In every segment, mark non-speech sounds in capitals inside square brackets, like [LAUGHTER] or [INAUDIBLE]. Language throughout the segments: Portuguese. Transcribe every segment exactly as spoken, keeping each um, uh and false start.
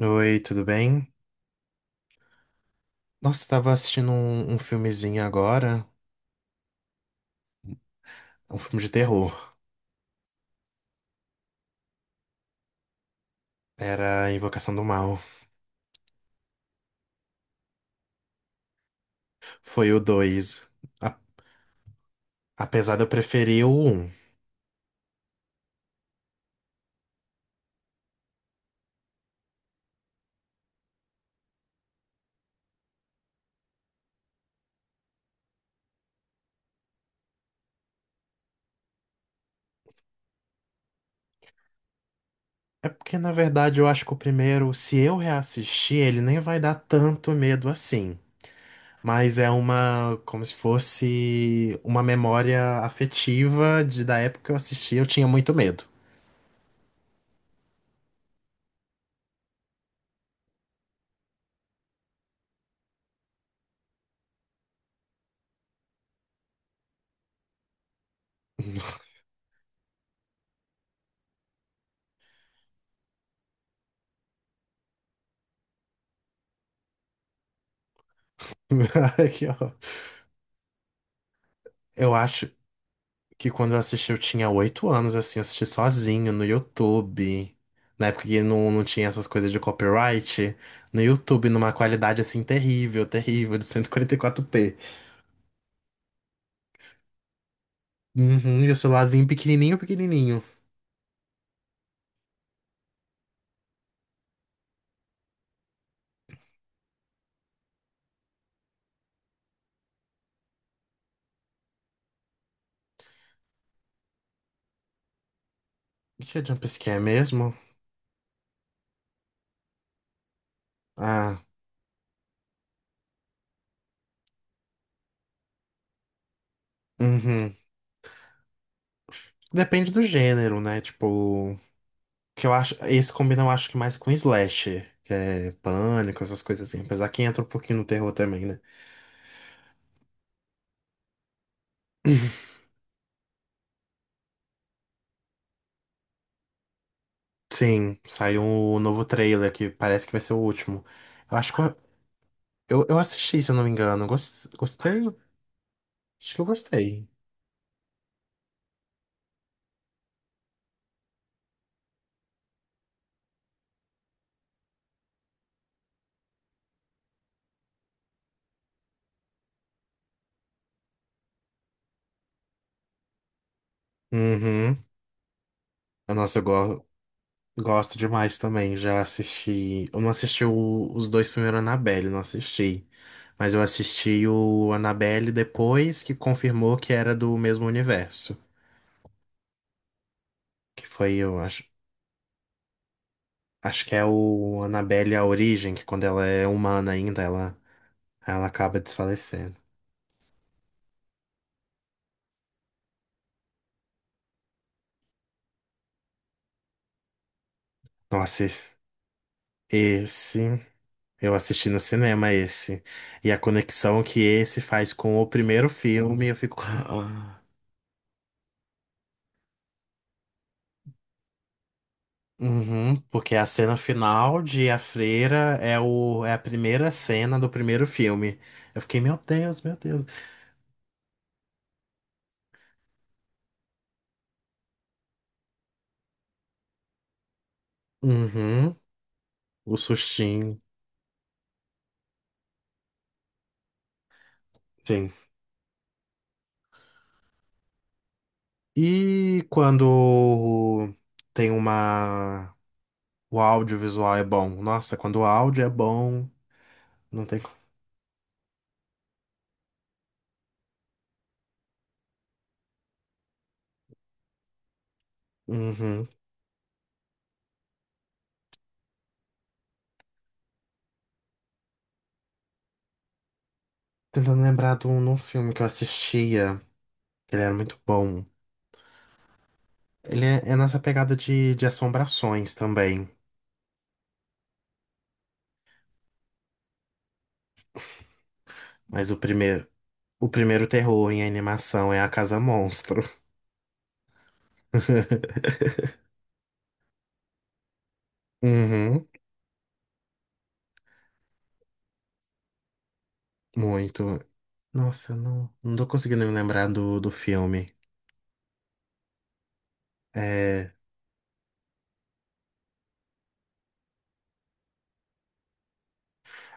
Oi, tudo bem? Nossa, eu tava assistindo um, um filmezinho agora, um filme de terror. Era Invocação do Mal. Foi o dois. A- Apesar de eu preferir o um. É porque, na verdade, eu acho que o primeiro, se eu reassistir, ele nem vai dar tanto medo assim. Mas é uma, como se fosse uma memória afetiva de da época que eu assisti, eu tinha muito medo. [LAUGHS] Que ó, Eu acho, Que quando eu assisti eu tinha oito anos, assim, eu assisti sozinho no YouTube. Na época que não, não tinha essas coisas de copyright. No YouTube, numa qualidade, assim, terrível, terrível, de cento e quarenta e quatro pê. Uhum, e o celularzinho pequenininho, pequenininho. O que é jumpscare mesmo? Ah, uhum. Depende do gênero, né? Tipo, que eu acho... Esse combina, eu acho que mais com slasher, que é pânico, essas coisas assim. Apesar que entra um pouquinho no terror também, né? Sim, saiu um novo trailer que parece que vai ser o último. Eu acho que eu, eu, eu assisti, se eu não me engano. Gos- Gostei? Acho que eu gostei. Uhum. Nossa, eu go- gosto demais também. Já assisti. Eu não assisti o- os dois primeiros Annabelle, não assisti. Mas eu assisti o Annabelle depois que confirmou que era do mesmo universo. Que foi, eu acho. Acho que é o Annabelle A Origem, que quando ela é humana ainda, ela, ela acaba desfalecendo. Nossa, esse- Esse, eu assisti no cinema esse. E a conexão que esse faz com o primeiro filme, eu fico. "Ah". Uhum, porque a cena final de A Freira é, o, é a primeira cena do primeiro filme. Eu fiquei, meu Deus, meu Deus. Uhum, o sustinho. Sim. E quando tem uma. O audiovisual é bom. Nossa, quando o áudio é bom, não tem. co- Uhum. Tentando lembrar de um, de um filme que eu assistia. Ele era muito bom. Ele é, é nessa pegada de, de assombrações também. Mas o primeiro, o primeiro terror em animação é a Casa Monstro. [LAUGHS] Uhum, muito. Nossa, eu não, não tô conseguindo me lembrar do, do filme. É...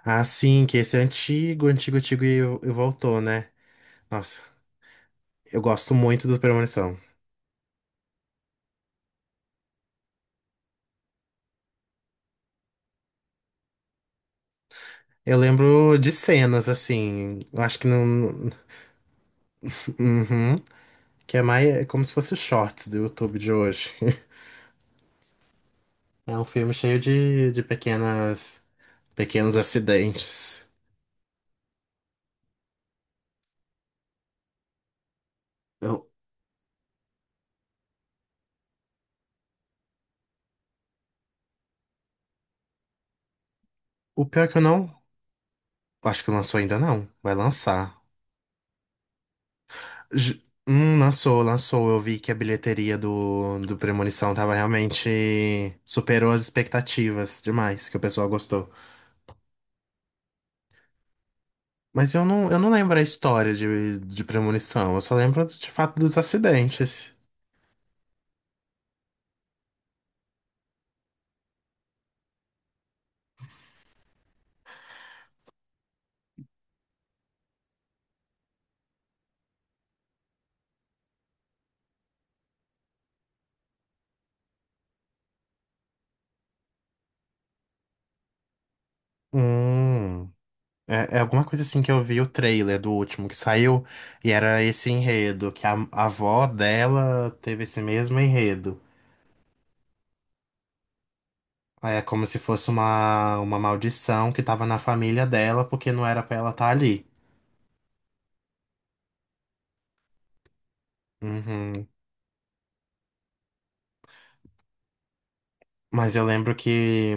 Ah, sim, que esse é antigo, antigo, antigo e, e voltou, né? Nossa, eu gosto muito do Premonição. Eu lembro de cenas, assim, eu acho que não... Uhum, que é mais é como se fosse os shorts do YouTube de hoje. [LAUGHS] É um filme cheio de, de pequenas, pequenos acidentes. Eu- o pior é que eu não. Acho que lançou ainda não. Vai lançar. J- hum, lançou, lançou. Eu vi que a bilheteria do, do Premonição tava realmente. Superou as expectativas demais, que o pessoal gostou. Mas eu não, eu não lembro a história de, de Premonição. Eu só lembro de fato dos acidentes. Hum. É, é alguma coisa assim que eu vi o trailer do último que saiu, e era esse enredo, que a, a avó dela teve esse mesmo enredo. É como se fosse uma, uma maldição que tava na família dela, porque não era pra ela estar ali. Uhum. Mas eu lembro que,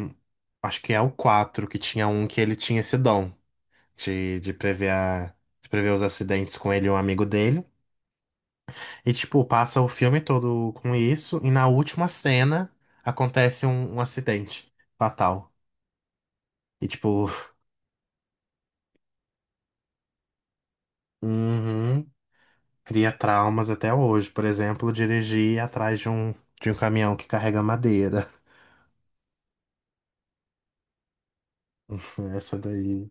acho que é o quatro que tinha um que ele tinha esse dom de, de prever a- de prever os acidentes com ele e um amigo dele. E, tipo, passa o filme todo com isso, e na última cena acontece um um acidente fatal. E tipo, uhum, cria traumas até hoje. Por exemplo, dirigir atrás de um, de um caminhão que carrega madeira. [LAUGHS] Essa daí.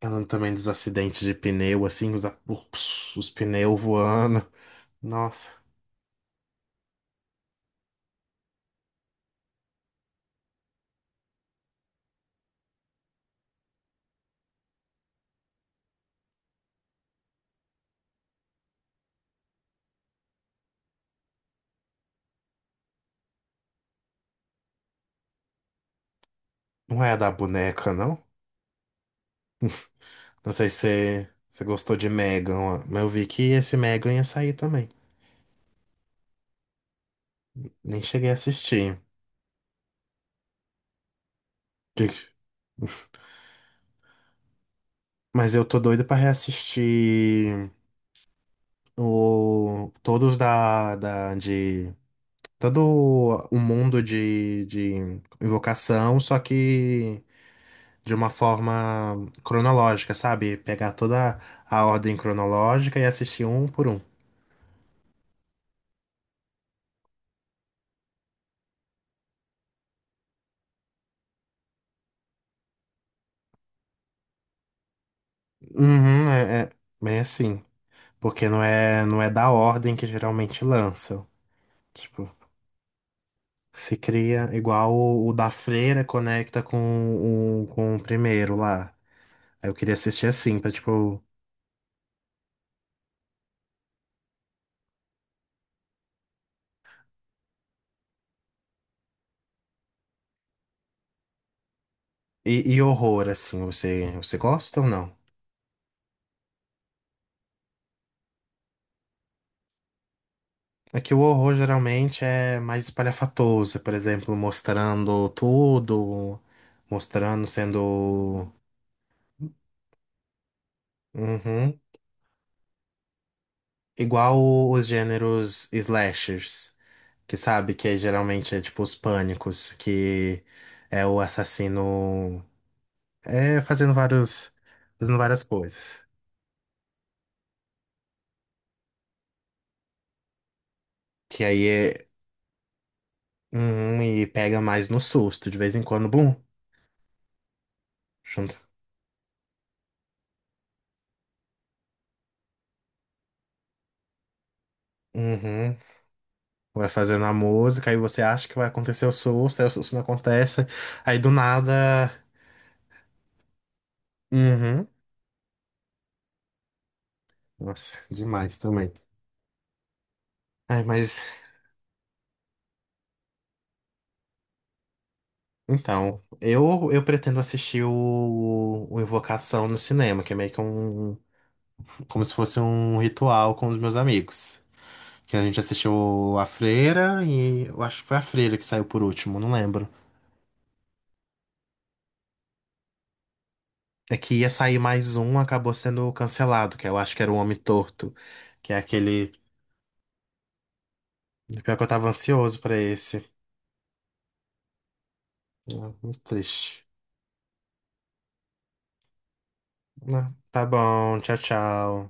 Falando também dos acidentes de pneu, assim, os, a- ups, os pneus voando. Nossa, não é a da boneca, não? Não sei se você você gostou de Megan, ó, mas eu vi que esse Megan ia sair também. Nem cheguei a assistir. Que- [LAUGHS] Mas eu tô doido pra reassistir o... todos da, da, de todo um mundo de, de invocação, só que de uma forma cronológica, sabe? Pegar toda a ordem cronológica e assistir um por um. Uhum, é, é bem assim. Porque não é, não é da ordem que geralmente lançam. Tipo, se cria igual o, o da Freira conecta com o, com o primeiro lá. Aí eu queria assistir assim, pra tipo. E, e horror, assim, você, você gosta ou não? É que o horror geralmente é mais espalhafatoso, por exemplo, mostrando tudo, mostrando sendo. Uhum. Igual o- os gêneros slashers, que sabe que é- geralmente é tipo os pânicos, que é o assassino é fazendo vários, fazendo várias coisas. Que aí é. Uhum, e pega mais no susto, de vez em quando, bum, junto. Uhum. Vai fazendo a música, aí você acha que vai acontecer o susto, aí o susto não acontece, aí do nada. Uhum. Nossa, demais também. Ai, mas então, eu eu pretendo assistir o, o Invocação no cinema, que é meio que um, como se fosse um ritual com os meus amigos. Que a gente assistiu a Freira e eu acho que foi a Freira que saiu por último, não lembro. É que ia sair mais um, acabou sendo cancelado, que eu acho que era o Homem Torto, que é aquele. Pior que eu tava ansioso pra esse. Ah, muito triste. Ah, tá bom, tchau, tchau.